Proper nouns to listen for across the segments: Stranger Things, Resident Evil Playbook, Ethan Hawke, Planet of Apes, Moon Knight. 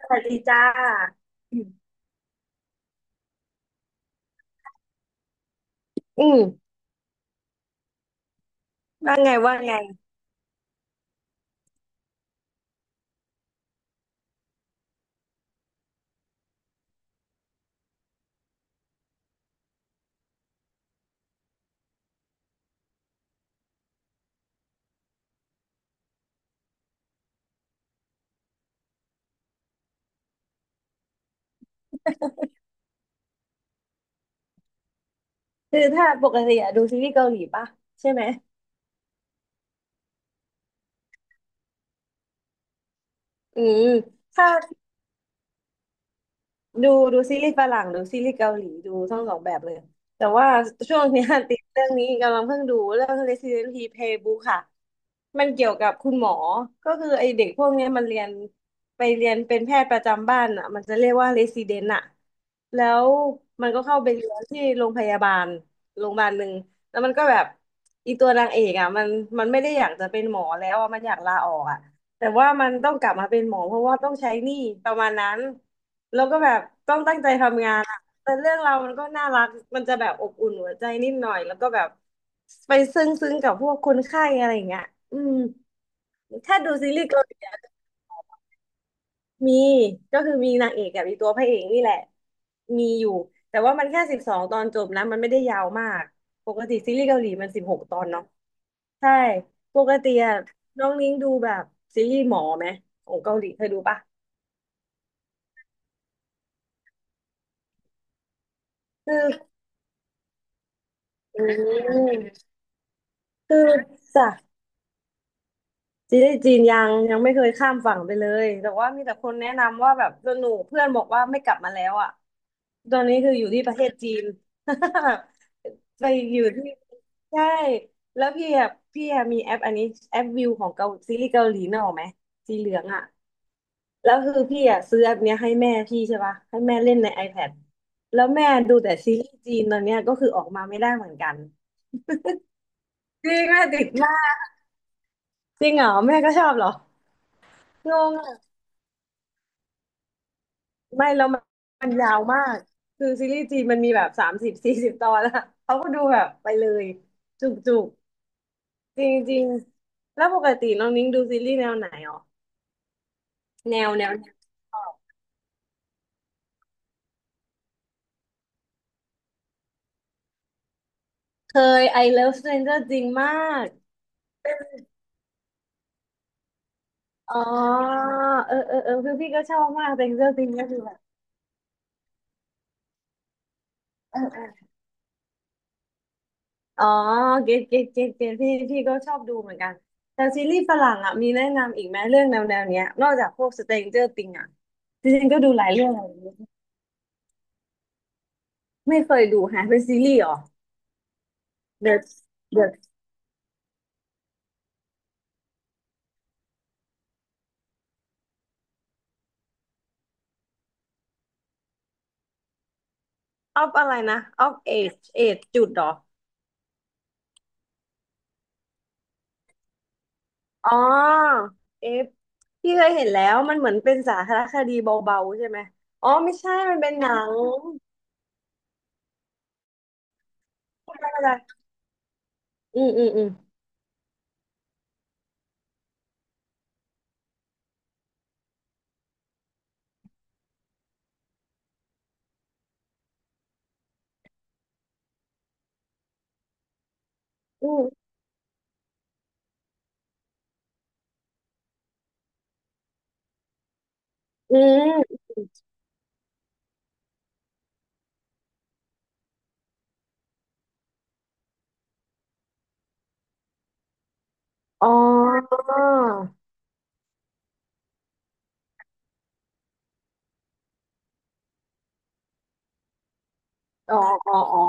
สวัสดีจ้าอืมอืมว่าไงว่าไง คือถ้าปกติอะดูซีรีส์เกาหลีป่ะใช่ไหม อืมถ้า ดูซีรีส์ฝรั่งดูซีรีส์เกาหลีดูทั้งสองแบบเลยแต่ว่าช่วงเนี้ย ติดเรื่องนี้กำลังเพิ่งดูเรื่อง Resident Evil Playbook ค่ะมันเกี่ยวกับคุณหมอก็คือไอเด็กพวกเนี้ยมันเรียนไปเรียนเป็นแพทย์ประจำบ้านอ่ะมันจะเรียกว่า Resident อ่ะแล้วมันก็เข้าไปเรียนที่โรงพยาบาลโรงพยาบาลหนึ่งแล้วมันก็แบบอีตัวนางเอกอ่ะมันไม่ได้อยากจะเป็นหมอแล้วอะมันอยากลาออกอ่ะแต่ว่ามันต้องกลับมาเป็นหมอเพราะว่าต้องใช้หนี้ประมาณนั้น แล้วก็แบบต้องตั้งใจทำงานอะแต่เรื่องเราวมันก็น่ารักมันจะแบบอบอุ่นหัวใจนิดหน่อยแล้วก็แบบไปซึ้งซึ้งกับพวกคนไข้อะไรอย่างเงี้ยอืมถ้าดูซีรีส์เกาหลีอะมีก็คือมีนางเอกกับมีตัวพระเอกนี่แหละมีอยู่แต่ว่ามันแค่12 ตอนจบนะมันไม่ได้ยาวมากปกติซีรีส์เกาหลีมัน16 ตอนเนาะใช่ปกติอะน้องนิ้งดูแบบซีรีส์หมอไหมของเกาหลีเคยดูปะคืออืมคือจ้ะ จีนได้จีนยังไม่เคยข้ามฝั่งไปเลย แต่ว่ามีแต่คนแนะนำว่าแบบสนุกเพื่อนบอกว่าไม่กลับมาแล้วอ่ะตอนนี้คืออยู่ที่ประเทศจีน แบบไปอยู่ที่ใช่ แล้วพี่อะมีแอปอันนี้แอปวิวของเกาซีรีส์เกาหลีนะออกไหมสีเหลืองอ่ะ แล้วคือพี่อะซื้อแอปเนี้ยให้แม่พี่ใช่ปะให้แม่เล่นใน iPad แล้วแม่ดูแต่ซีรีส์จีนตอนเนี้ยก็คือออกมาไม่ได้เหมือนกันจริงแม่ติดมากจริงเหรอแม่ก็ชอบเหรองงอะ ไม่แล้วมันยาวมากคือซีรีส์จีนมันมีแบบ30-40 ตอนอะเขาก็ดูแบบไปเลยจุกจุกจริงจริงๆแล้วปกติน้องนิ้งดูซีรีส์แนวไหนอ๋อแนวเคย I Love Stranger จริงมากอ๋อเออคือพี่ก็ชอบมาก Stranger Things ก็คือแบบเออเอออ๋อเกตพี่ก็ชอบดูเหมือนกันแต่ซีรีส์ฝรั่งอ่ะมีแนะนำอีกไหมเรื่องแนวเนี้ยนอกจากพวก Stranger Things อ่ะจริงๆก็ดูหลายเรื่องเลย ไม่เคยดูฮะเป็นซีรีส์เหรอ The The ออฟอะไรนะออฟเอจจุดเหรออ๋อเอฟพี่เคยเห็นแล้วมันเหมือนเป็นสารคดีเบาๆใช่ไหมอ๋อไม่ใช่มันเป็นหนังอะไรอะไรอืมอืมอืมอืมอืมอ๋ออ๋ออ๋อ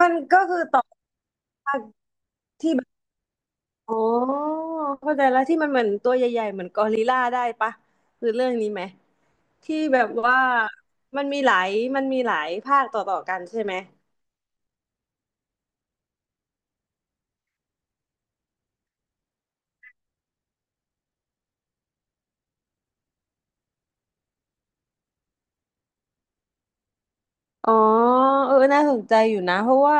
มันก็คือต่อจากที่ อ๋อเข้าใจแล้วที่มันเหมือนตัวใหญ่ๆเหมือนกอริลลาได้ปะคือเรื่องนี้ไหมที่แบบว่ามันมีหลายมันมีหลายภาคต่อๆกันใช่ไหมอ๋อเออน่าสนใจอยู่นะเพราะว่า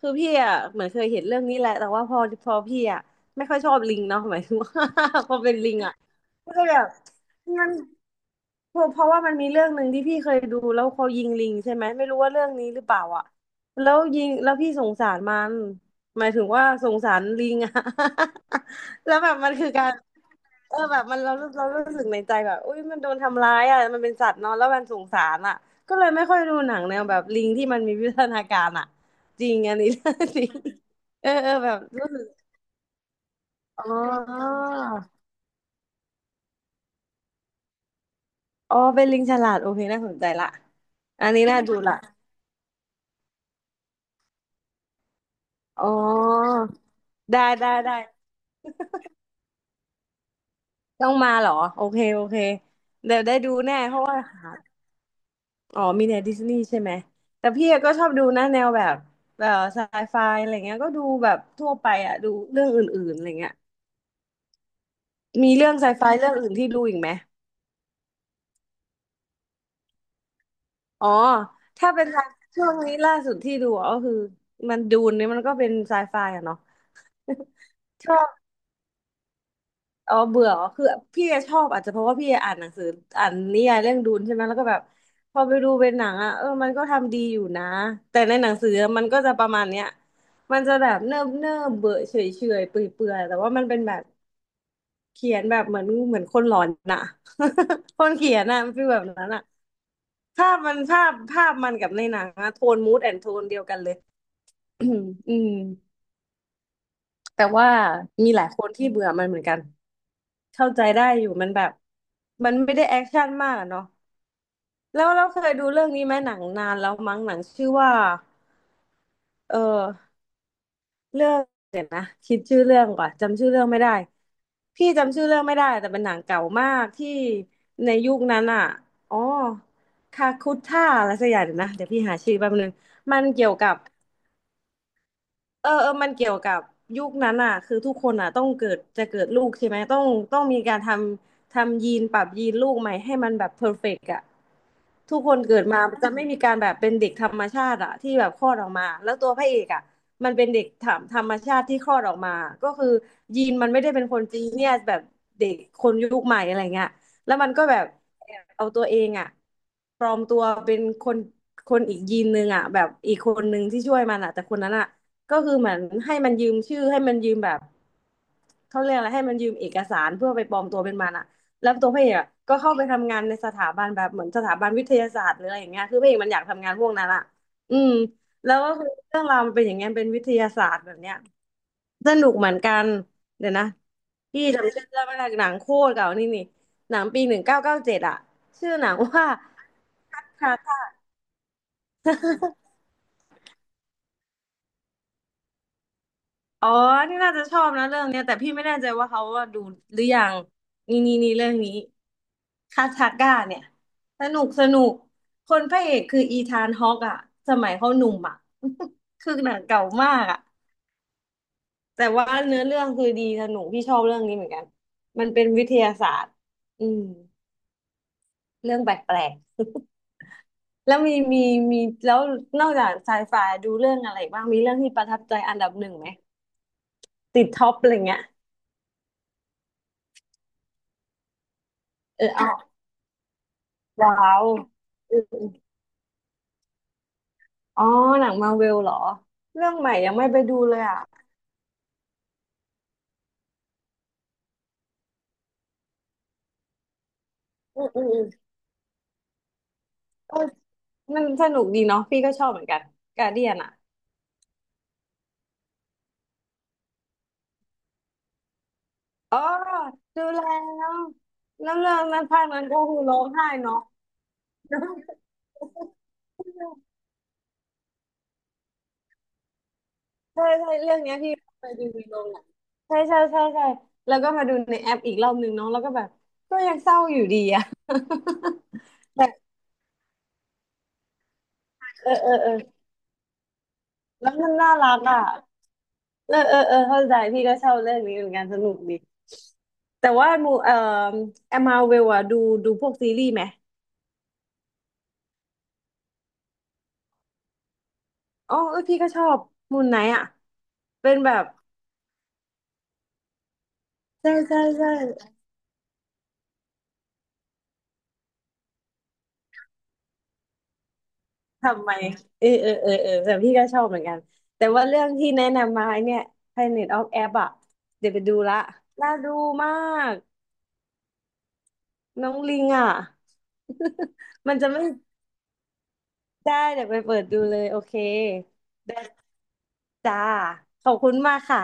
คือพี่อ่ะเหมือนเคยเห็นเรื่องนี้แหละแต่ว่าพอพี่อ่ะไม่ค่อยชอบลิงเนาะ หมายถึงว่า พอเป็นลิงอ่ะก็แบบมัน เพราะว่ามันมีเรื่องหนึ่งที่พี่เคยดูแล้วเขายิงลิงใช่ไหมไม่รู้ว่าเรื่องนี้หรือเปล่าอ่ะแล้วยิงแล้วพี่สงสารมันหมายถึงว่าสงสารลิงอะ แล้วแบบมันคือการเออแบบมันเรารู้สึกในใจแบบอุ้ยมันโดนทำร้ายอ่ะมันเป็นสัตว์เนอะแล้วมันสงสารอ่ะก็เลยไม่ค่อยดูหนังแนวแบบลิงที่มันมีวิวัฒนาการอ่ะจริงอันนี้ จริงเออเออแบบรู้สึกอ๋ออ๋อเป็นลิงฉลาดโอเคน่าสนใจละอันนี้น่าดูละอ๋อ ได้ต้องมาเหรอโอเคโอเคเดี๋ยวได้ดูแน่เพราะว่าหาอ๋อมีในดิสนีย์ใช่ไหมแต่พี่ก็ชอบดูนะแนวแบบแบบไซไฟอะไรเงี้ยก็ดูแบบทั่วไปอ่ะดูเรื่องอื่นๆอะไรเงี้ยมีเรื่องไซไฟเรื่องอื่นที่ดูอีกไหมอ๋อถ้าเป็นไซช่วงนี้ล่าสุดที่ดูก็คือมันดูนนี่มันก็เป็นไซไฟอะเนาะ อ๋อเบื่อเหรอคือพี่ชอบอาจจะเพราะว่าพี่อ่านหนังสืออ่านนิยายเรื่องดูนใช่ไหมแล้วก็แบบพอไปดูเป็นหนังอ่ะเออมันก็ทำดีอยู่นะแต่ในหนังสือมันก็จะประมาณเนี้ยมันจะแบบเนิบเนิบเบื่อเฉยเฉยเปื่อยเปื่อยแต่ว่ามันเป็นแบบเขียนแบบเหมือนคนหลอนน่ะ คนเขียนน่ะมันฟีลแบบนั้นอ่ะภาพมันกับในหนังอะโทนมูดแอนโทนเดียวกันเลย อืมแต่ว่ามีหลายคนที่เบื่อมันเหมือนกัน เข้าใจได้อยู่มันแบบมันไม่ได้แอคชั่นมากอะเนาะแล้วเราเคยดูเรื่องนี้ไหมหนังนานแล้วมั้งหนังชื่อว่าเออเรื่องเดี๋ยวนะคิดชื่อเรื่องก่อนจำชื่อเรื่องไม่ได้พี่จำชื่อเรื่องไม่ได้แต่เป็นหนังเก่ามากที่ในยุคนั้นอ่ะอ๋อคาคุท่าอะไรสักอย่างเดี๋ยวนะเดี๋ยวพี่หาชื่อแป๊บนึงมันเกี่ยวกับ เออเออมันเกี่ยวกับยุคนั้นอ่ะคือทุกคนอ่ะต้องเกิดจะเกิดลูกใช่ไหมต้องมีการทำยีนปรับยีนลูกใหม่ให้มันแบบเพอร์เฟกต์อ่ะทุกคนเกิดมาจะไม่มีการแบบเป็นเด็กธรรมชาติอ่ะที่แบบคลอดออกมาแล้วตัวพระเอกอ่ะมันเป็นเด็กธรรมชาติที่คลอดออกมาก็คือยีนมันไม่ได้เป็นคนจีเนียสแบบเด็กคนยุคใหม่อะไรเงี้ยแล้วมันก็แบบแอบเอาตัวเองอ่ะปลอมตัวเป็นคนอีกยีนนึงอ่ะแบบอีกคนนึงที่ช่วยมันอ่ะแต่คนนั้นอ่ะ ก็คือเหมือนให้มันยืมชื่อให้มันยืมแบบเขาเรียกอะไรให้มันยืมเอกสารเพื่อไปปลอมตัวเป็นมันอะแล้วตัวพระเอกอะก็เข้าไปทำงานในสถาบันแบบเหมือนสถาบันวิทยาศาสตร์หรืออะไรอย่างเงี้ยคือพระเอกมันอยากทำงานพวกนั้นอะอืมแล้วก็คือเรื่องราวมันเป็นอย่างเงี้ยเป็นวิทยาศาสตร์แบบเนี้ยสนุกเหมือนกันเดี๋ยวนะพี่จำชื่อเรื่องไม่ได้หนังโคตรเก่านี่นี่หนังปี1997อะชื่อหนังว่า อ๋อ นี่น่าจะชอบนะเรื่องเนี้ยแต่พี่ไม่แน่ใจว่าเขาว่าดูหรือยังนี่นี่นี่เรื่องนี้คาทาก้าเนี่ยสนุกสนุกคนพระเอกคืออีธานฮอกอะสมัยเขาหนุ่มอะ คือหนังเก่ามากอะแต่ว่าเนื้อเรื่องคือดีสนุกพี่ชอบเรื่องนี้เหมือนกันมันเป็นวิทยาศาสตร์อืมเรื่องแปลกๆ แล้วมีแล้วนอกจากไซไฟดูเรื่องอะไรอีกบ้างมีเรื่องที่ประทับใจอันดับหนึ่งไหมติดท็อปอะไรเงี้ยเออเอา ว้าวอืมอ๋อหนังมาเวลเหรอเรื่องใหม่ยังไม่ไปดูเลยอ่ะอืมอืมอืมเออมันสนุกดีเนาะพี่ก็ชอบเหมือนกันการเดียนอ่ะอ๋อดูแล้วแล้วเรื่องนั้นภาคนั้นก็คือร้องไห้เนาะ ใช่ใช่เรื่องเนี้ยพี่ไปดูในโรงหนังใช่ใช่ใช่ใช่แล้วก็มาดูในแอปอีกรอบหนึ่งเนาะแล้วก็แบบก็ยังเศร้าอยู่ดีอะ แต่เออเออเออแล้วมันน่ารักอ่ะ เออเออเออเข้าใจพี่ก็ชอบเรื่องนี้เหมือนกันสนุกดีแต่ว่ามูเอ่อแอมมาเวลอะดูพวกซีรีส์ไหมอ๋อเออพี่ก็ชอบมูนไนท์อะเป็นแบบใช่ใช่ใช่ทำไมเออเออเออเออแต่พี่ก็ชอบเหมือนกันแต่ว่าเรื่องที่แนะนำมาไอ้เนี่ย Planet of Apes อะเดี๋ยวไปดูละน่าดูมากน้องลิงอะ มันจะไม่ได้เดี๋ยวไปเปิดดูเลยโอเคได้จ้าขอบคุณมากค่ะ